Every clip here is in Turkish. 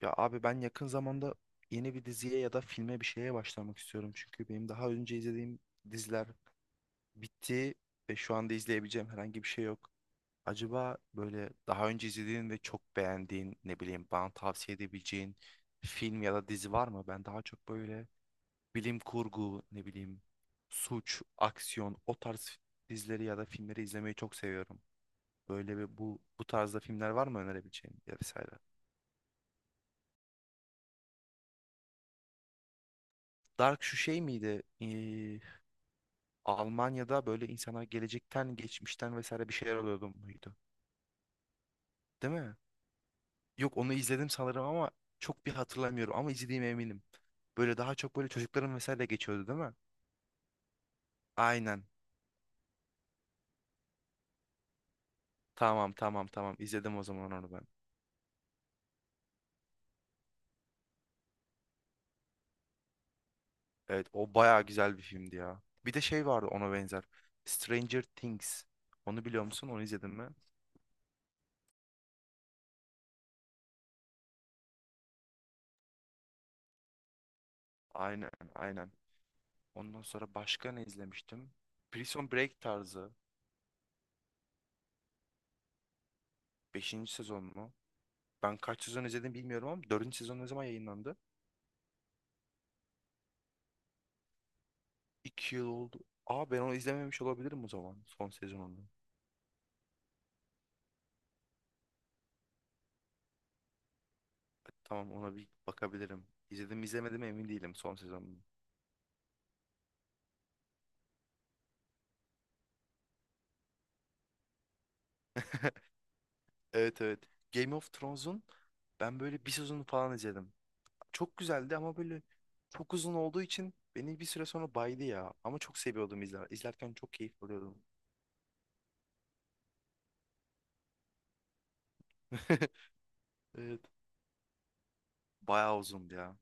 Ya abi ben yakın zamanda yeni bir diziye ya da filme bir şeye başlamak istiyorum. Çünkü benim daha önce izlediğim diziler bitti ve şu anda izleyebileceğim herhangi bir şey yok. Acaba böyle daha önce izlediğin ve çok beğendiğin ne bileyim bana tavsiye edebileceğin film ya da dizi var mı? Ben daha çok böyle bilim kurgu ne bileyim suç, aksiyon o tarz dizileri ya da filmleri izlemeyi çok seviyorum. Böyle bir bu tarzda filmler var mı önerebileceğin ya vesaire. Dark şu şey miydi? Almanya'da böyle insanlar gelecekten, geçmişten vesaire bir şeyler oluyordu muydu? Değil mi? Yok onu izledim sanırım ama çok bir hatırlamıyorum ama izlediğime eminim. Böyle daha çok böyle çocukların vesaire geçiyordu değil mi? Aynen. Tamam tamam tamam izledim o zaman onu ben. Evet o bayağı güzel bir filmdi ya. Bir de şey vardı ona benzer. Stranger Things. Onu biliyor musun? Onu izledin mi? Aynen aynen. Ondan sonra başka ne izlemiştim? Prison Break tarzı. Beşinci sezon mu? Ben kaç sezon izledim bilmiyorum ama dördüncü sezon ne zaman yayınlandı? İki yıl oldu. Aa ben onu izlememiş olabilirim o zaman son sezonunu. Tamam ona bir bakabilirim. İzledim mi, izlemedim mi emin değilim son sezonunu. Evet evet. Game of Thrones'un, ben böyle bir sezonu falan izledim. Çok güzeldi ama böyle çok uzun olduğu için beni bir süre sonra baydı ya. Ama çok seviyordum izler. İzlerken çok keyif alıyordum. Evet. Bayağı uzundu ya.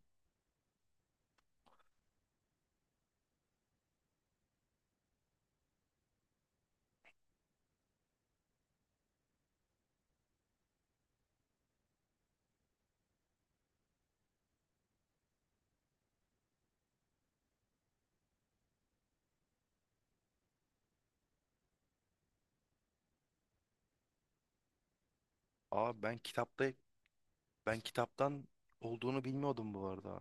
Aa ben kitaptan olduğunu bilmiyordum bu arada.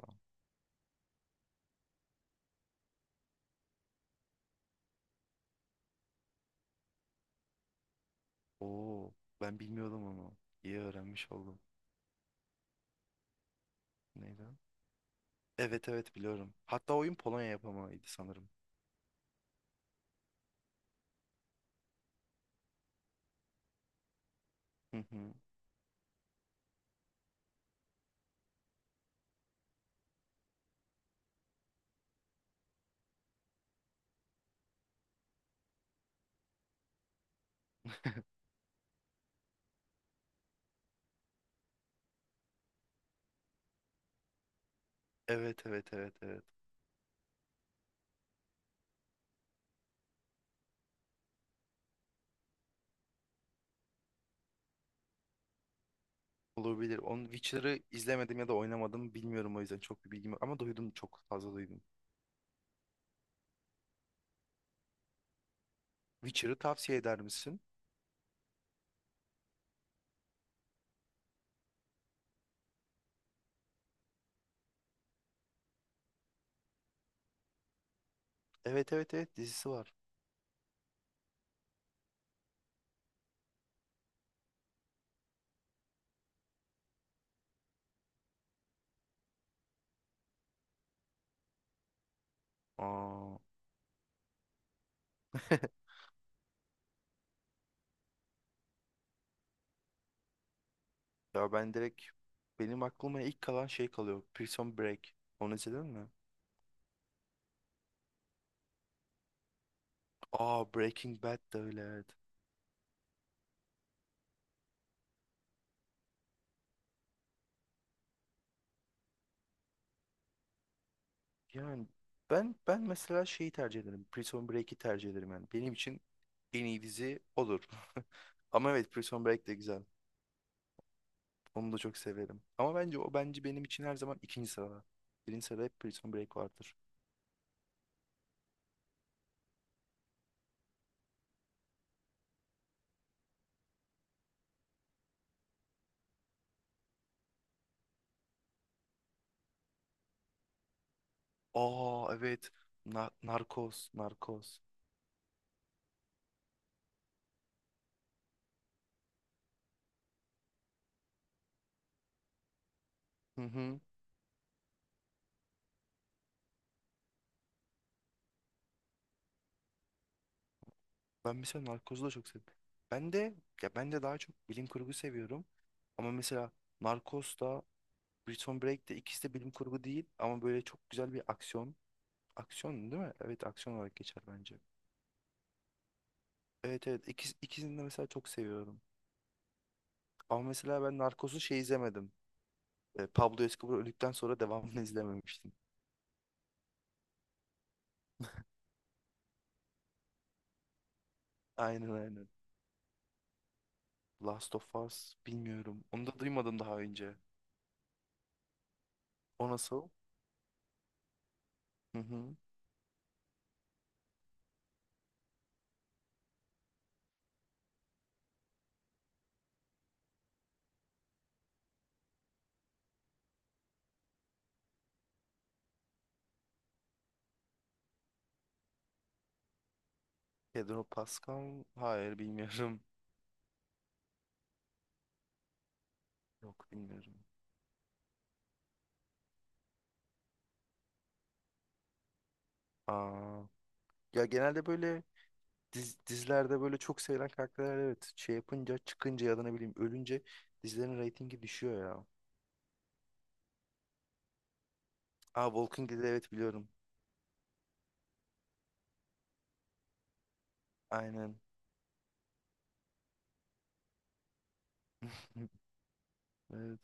Oo, ben bilmiyordum onu. İyi öğrenmiş oldum. Neydi? Evet evet biliyorum. Hatta oyun Polonya yapamaydı sanırım. Hı hı. Evet evet evet evet. Olabilir. Onun Witcher'ı izlemedim ya da oynamadım bilmiyorum o yüzden çok bir bilgim yok. Ama duydum çok fazla duydum. Witcher'ı tavsiye eder misin? Evet evet evet dizisi var. Aa. Ya ben direkt benim aklıma ilk kalan şey kalıyor. Prison Break. Onu izledin mi? Aa Breaking Bad de öyle. Evet. Yani ben mesela şeyi tercih ederim. Prison Break'i tercih ederim yani. Benim için en iyi dizi olur. Ama evet Prison Break de güzel. Onu da çok severim. Ama bence o bence benim için her zaman ikinci sırada. Birinci sırada hep Prison Break vardır. Aa evet. Narcos, Narcos. Hı hı. Ben mesela Narcos'u da çok seviyorum. Ben de ya ben de daha çok bilim kurgu seviyorum. Ama mesela Narcos da Prison Break de ikisi de bilim kurgu değil ama böyle çok güzel bir aksiyon. Aksiyon değil mi? Evet aksiyon olarak geçer bence. Evet evet ikisini de mesela çok seviyorum. Ama mesela ben Narcos'u şey izlemedim. Pablo Escobar öldükten sonra devamını izlememiştim. Aynen aynen. Last of Us bilmiyorum. Onu da duymadım daha önce. O nasıl? Hı hı. Pedro Pascal? Hayır bilmiyorum. Yok bilmiyorum. Aa, ya genelde böyle dizilerde böyle çok sevilen karakterler evet şey yapınca çıkınca ya da ne bileyim ölünce dizilerin reytingi düşüyor ya. Aa Walking Dead evet biliyorum. Aynen. Evet.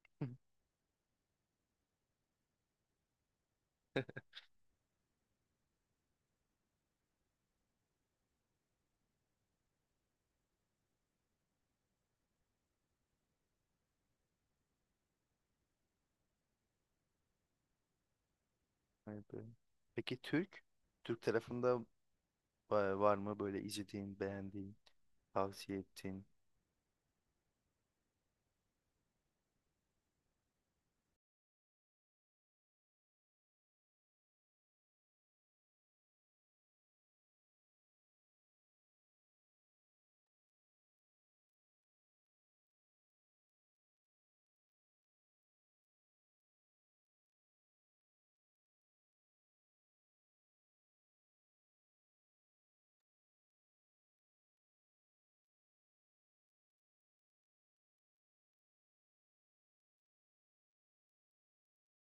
Evet, evet. Peki Türk? Türk tarafında var mı böyle izlediğin, beğendiğin, tavsiye ettiğin?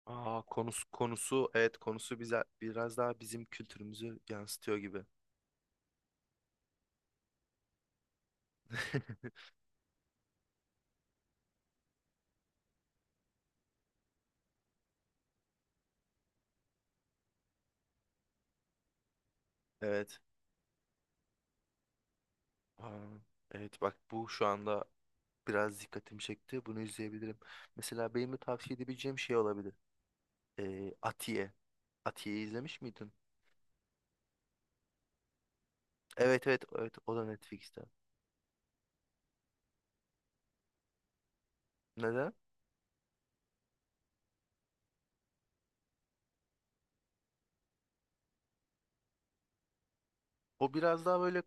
Aa konusu, evet konusu bize biraz daha bizim kültürümüzü yansıtıyor gibi. Evet. Aa, evet bak bu şu anda biraz dikkatimi çekti. Bunu izleyebilirim. Mesela benim de tavsiye edebileceğim şey olabilir. Atiye. Atiye'yi izlemiş miydin? Evet evet evet o da Netflix'te. Neden? O biraz daha böyle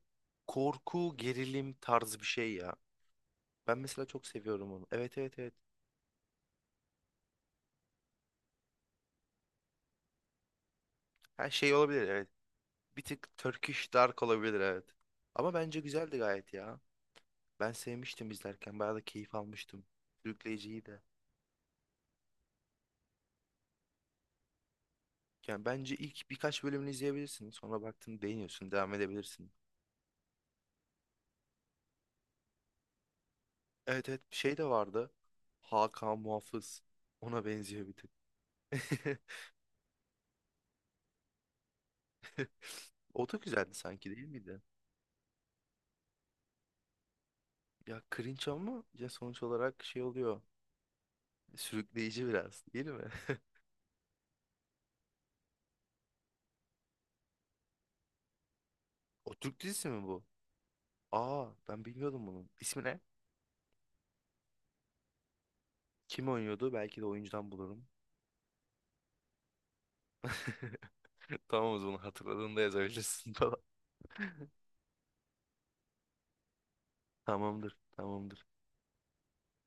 korku, gerilim tarzı bir şey ya. Ben mesela çok seviyorum onu. Evet evet evet. Her şey olabilir evet. Bir tık Turkish Dark olabilir evet. Ama bence güzeldi gayet ya. Ben sevmiştim izlerken. Bayağı da keyif almıştım. Sürükleyiciydi de. Yani bence ilk birkaç bölümünü izleyebilirsin. Sonra baktın beğeniyorsun. Devam edebilirsin. Evet evet bir şey de vardı. Hakan Muhafız. Ona benziyor bir tık. O da güzeldi sanki değil miydi? Ya cringe ama ya sonuç olarak şey oluyor. Sürükleyici biraz değil mi? O Türk dizisi mi bu? Aa ben bilmiyordum bunu. İsmi ne? Kim oynuyordu? Belki de oyuncudan bulurum. Tamam o zaman hatırladığında yazabilirsin falan. Tamamdır, tamamdır.